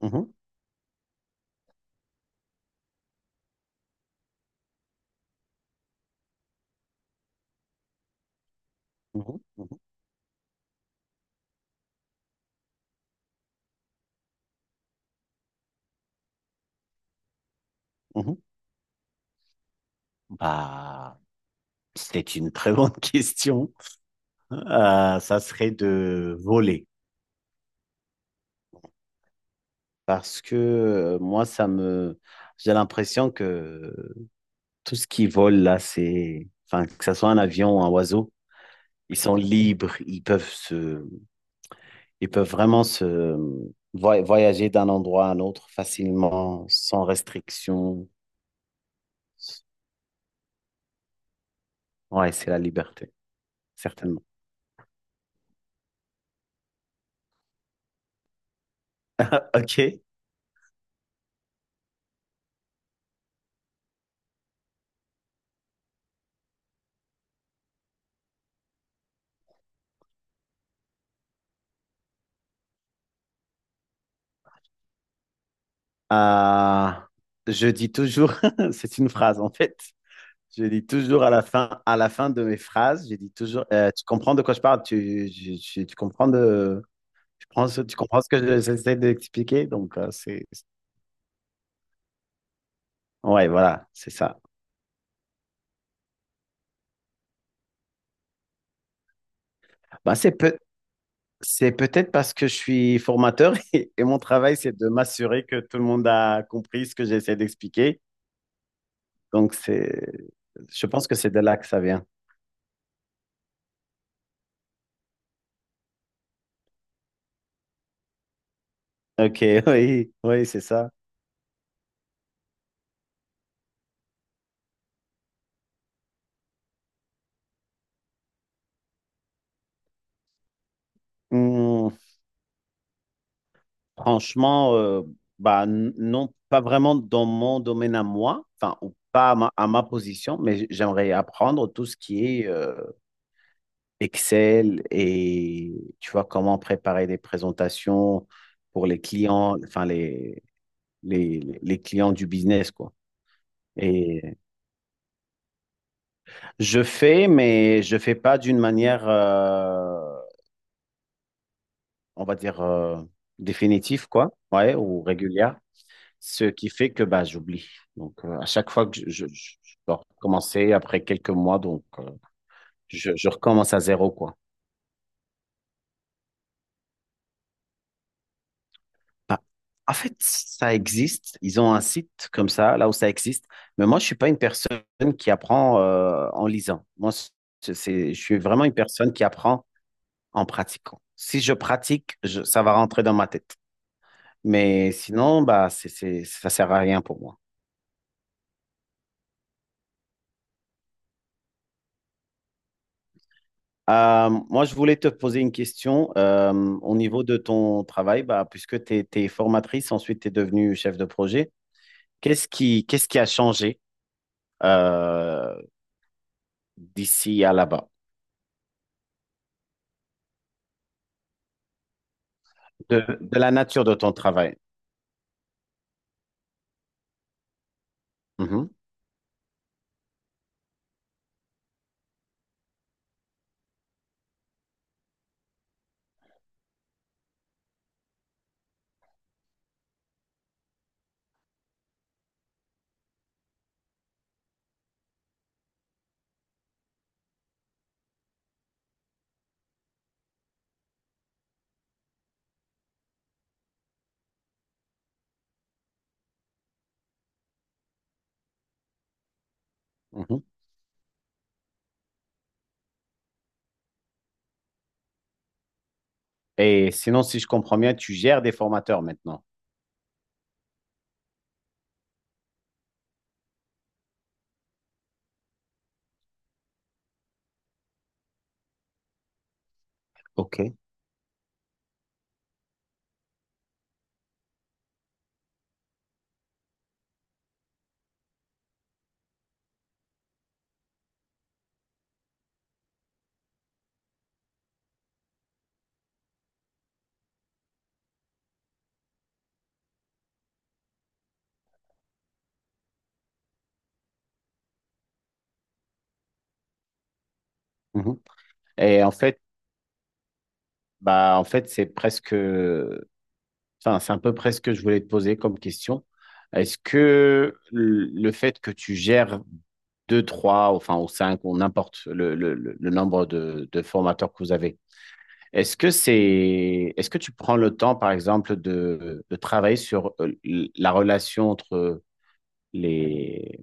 Mhm, mhm, mhm, mhm. Bah, c'est une très bonne question. Ça serait de voler. Parce que moi, ça me... J'ai l'impression que tout ce qui vole là, c'est... Enfin, que ce soit un avion ou un oiseau, ils sont libres, ils peuvent se... Ils peuvent vraiment se... voyager d'un endroit à un autre facilement, sans restriction. Ouais, c'est la liberté, certainement. Ok. Euh, je dis toujours, c'est une phrase en fait. Je dis toujours à la fin de mes phrases, je dis toujours, tu comprends de quoi je parle, tu comprends tu comprends ce que j'essaie d'expliquer. Ouais, voilà, c'est ça. Bah, c'est peut, c'est peut-être parce que je suis formateur et mon travail c'est de m'assurer que tout le monde a compris ce que j'essaie d'expliquer. Donc c'est, je pense que c'est de là que ça vient. Ok, oui, oui, c'est ça. Hmm. Franchement, bah, non, pas vraiment dans mon domaine à moi, enfin, ou pas à ma, à ma position, mais j'aimerais apprendre tout ce qui est Excel et, tu vois, comment préparer des présentations pour les clients, enfin, les clients du business, quoi. Et je fais, mais je fais pas d'une manière, on va dire, définitive, quoi, ouais, ou régulière. Ce qui fait que bah, j'oublie. Donc, à chaque fois que je dois recommencer après quelques mois, je recommence à zéro, quoi. Bah, en fait, ça existe. Ils ont un site comme ça, là où ça existe. Mais moi, je suis pas une personne qui apprend en lisant. Moi, je suis vraiment une personne qui apprend en pratiquant. Si je pratique, ça va rentrer dans ma tête. Mais sinon, bah, ça sert à rien pour moi. Moi, je voulais te poser une question au niveau de ton travail, bah, puisque tu es formatrice, ensuite tu es devenue chef de projet. Qu'est-ce qui a changé euh, d'ici à là-bas, de la nature de ton travail? Mhm, mhm. Et sinon, si je comprends bien, tu gères des formateurs maintenant. OK. Mhm. Et en fait, en fait, c'est presque enfin, c'est à peu près ce que je voulais te poser comme question. Est-ce que le fait que tu gères deux, trois, enfin, ou cinq, ou n'importe le nombre de formateurs que vous avez. Est-ce que tu prends le temps, par exemple, de travailler sur la relation entre les,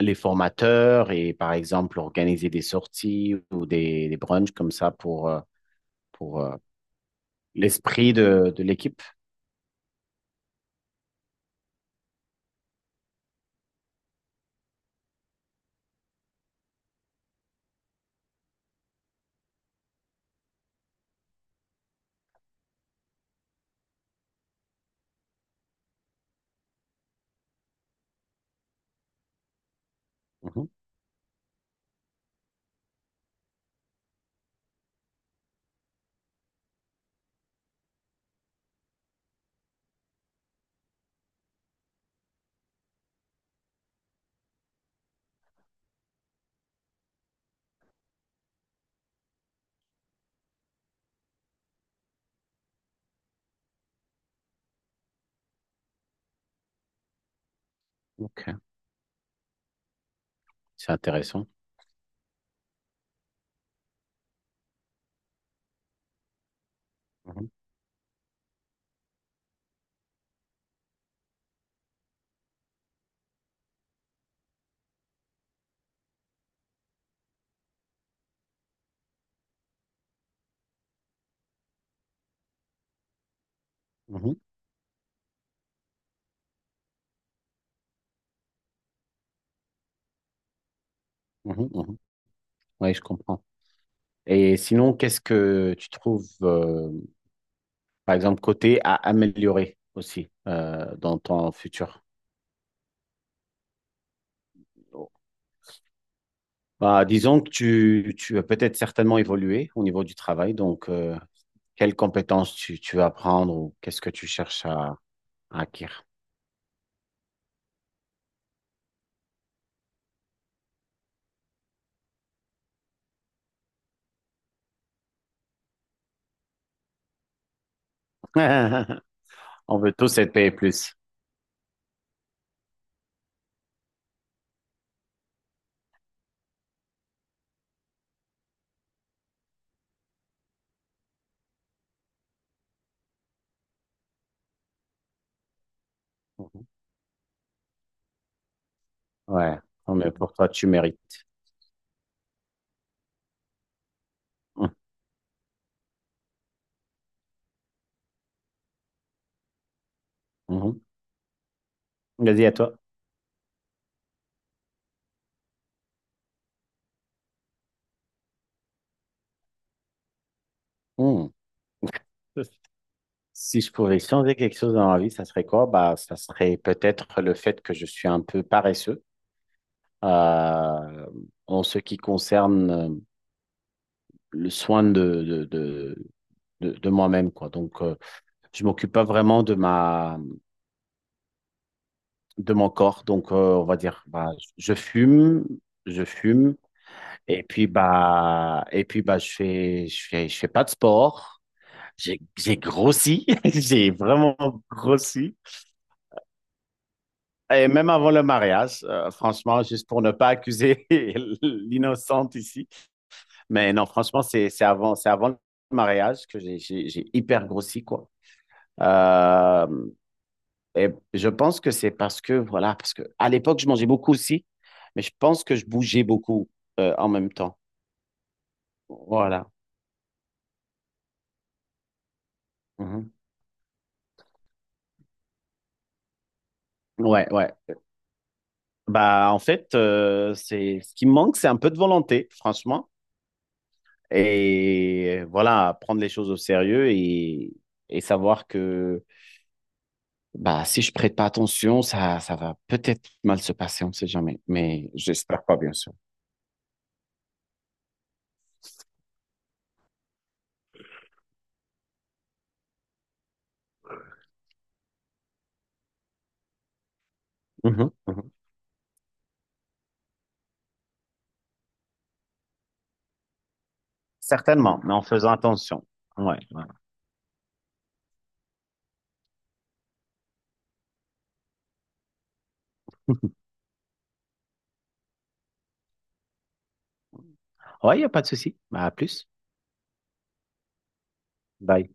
les formateurs et, par exemple, organiser des sorties ou des brunchs comme ça pour, pour, euh, l'esprit de l'équipe. Mhm. Ok, c'est intéressant. Mhm. Mhm. Mhm. Mhm. Ouais, je comprends. Et sinon, qu'est-ce que tu trouves, par exemple, côté à améliorer aussi dans ton futur? Bah, disons que tu as peut-être certainement évolué au niveau du travail, donc quelles compétences tu veux apprendre ou qu'est-ce que tu cherches à acquérir? On veut tous être payés plus. Mhm. Ouais. Non, mais pour toi, tu mérites. Mhm. Mhm. Vas-y, à toi. Mhm. Si je pouvais changer quelque chose dans ma vie, ça serait quoi? Bah, ça serait peut-être le fait que je suis un peu paresseux euh, en ce qui concerne le soin de moi-même, quoi. Donc, je m'occupe pas vraiment de ma de mon corps donc on va dire bah, je fume, je fume et puis et puis bah je fais pas de sport, j'ai grossi, j'ai vraiment grossi. Et même avant le mariage, franchement, juste pour ne pas accuser l'innocente ici, mais non, franchement, c'est avant le mariage que j'ai hyper grossi, quoi. Euh, et je pense que c'est parce que, voilà, parce que à l'époque, je mangeais beaucoup aussi, mais je pense que je bougeais beaucoup en même temps. Voilà. Mhm. Ouais, ouais. Bah, en fait, c'est ce qui me manque, c'est un peu de volonté, franchement. Et voilà, prendre les choses au sérieux et savoir que bah, si je prête pas attention, ça va peut-être mal se passer, on ne sait jamais. Mais j'espère pas, bien sûr. Mhm, mhm. Certainement, mais en faisant attention. Ouais, ouais. Ouais, il n'y a pas de souci. Bah, à plus. Bye.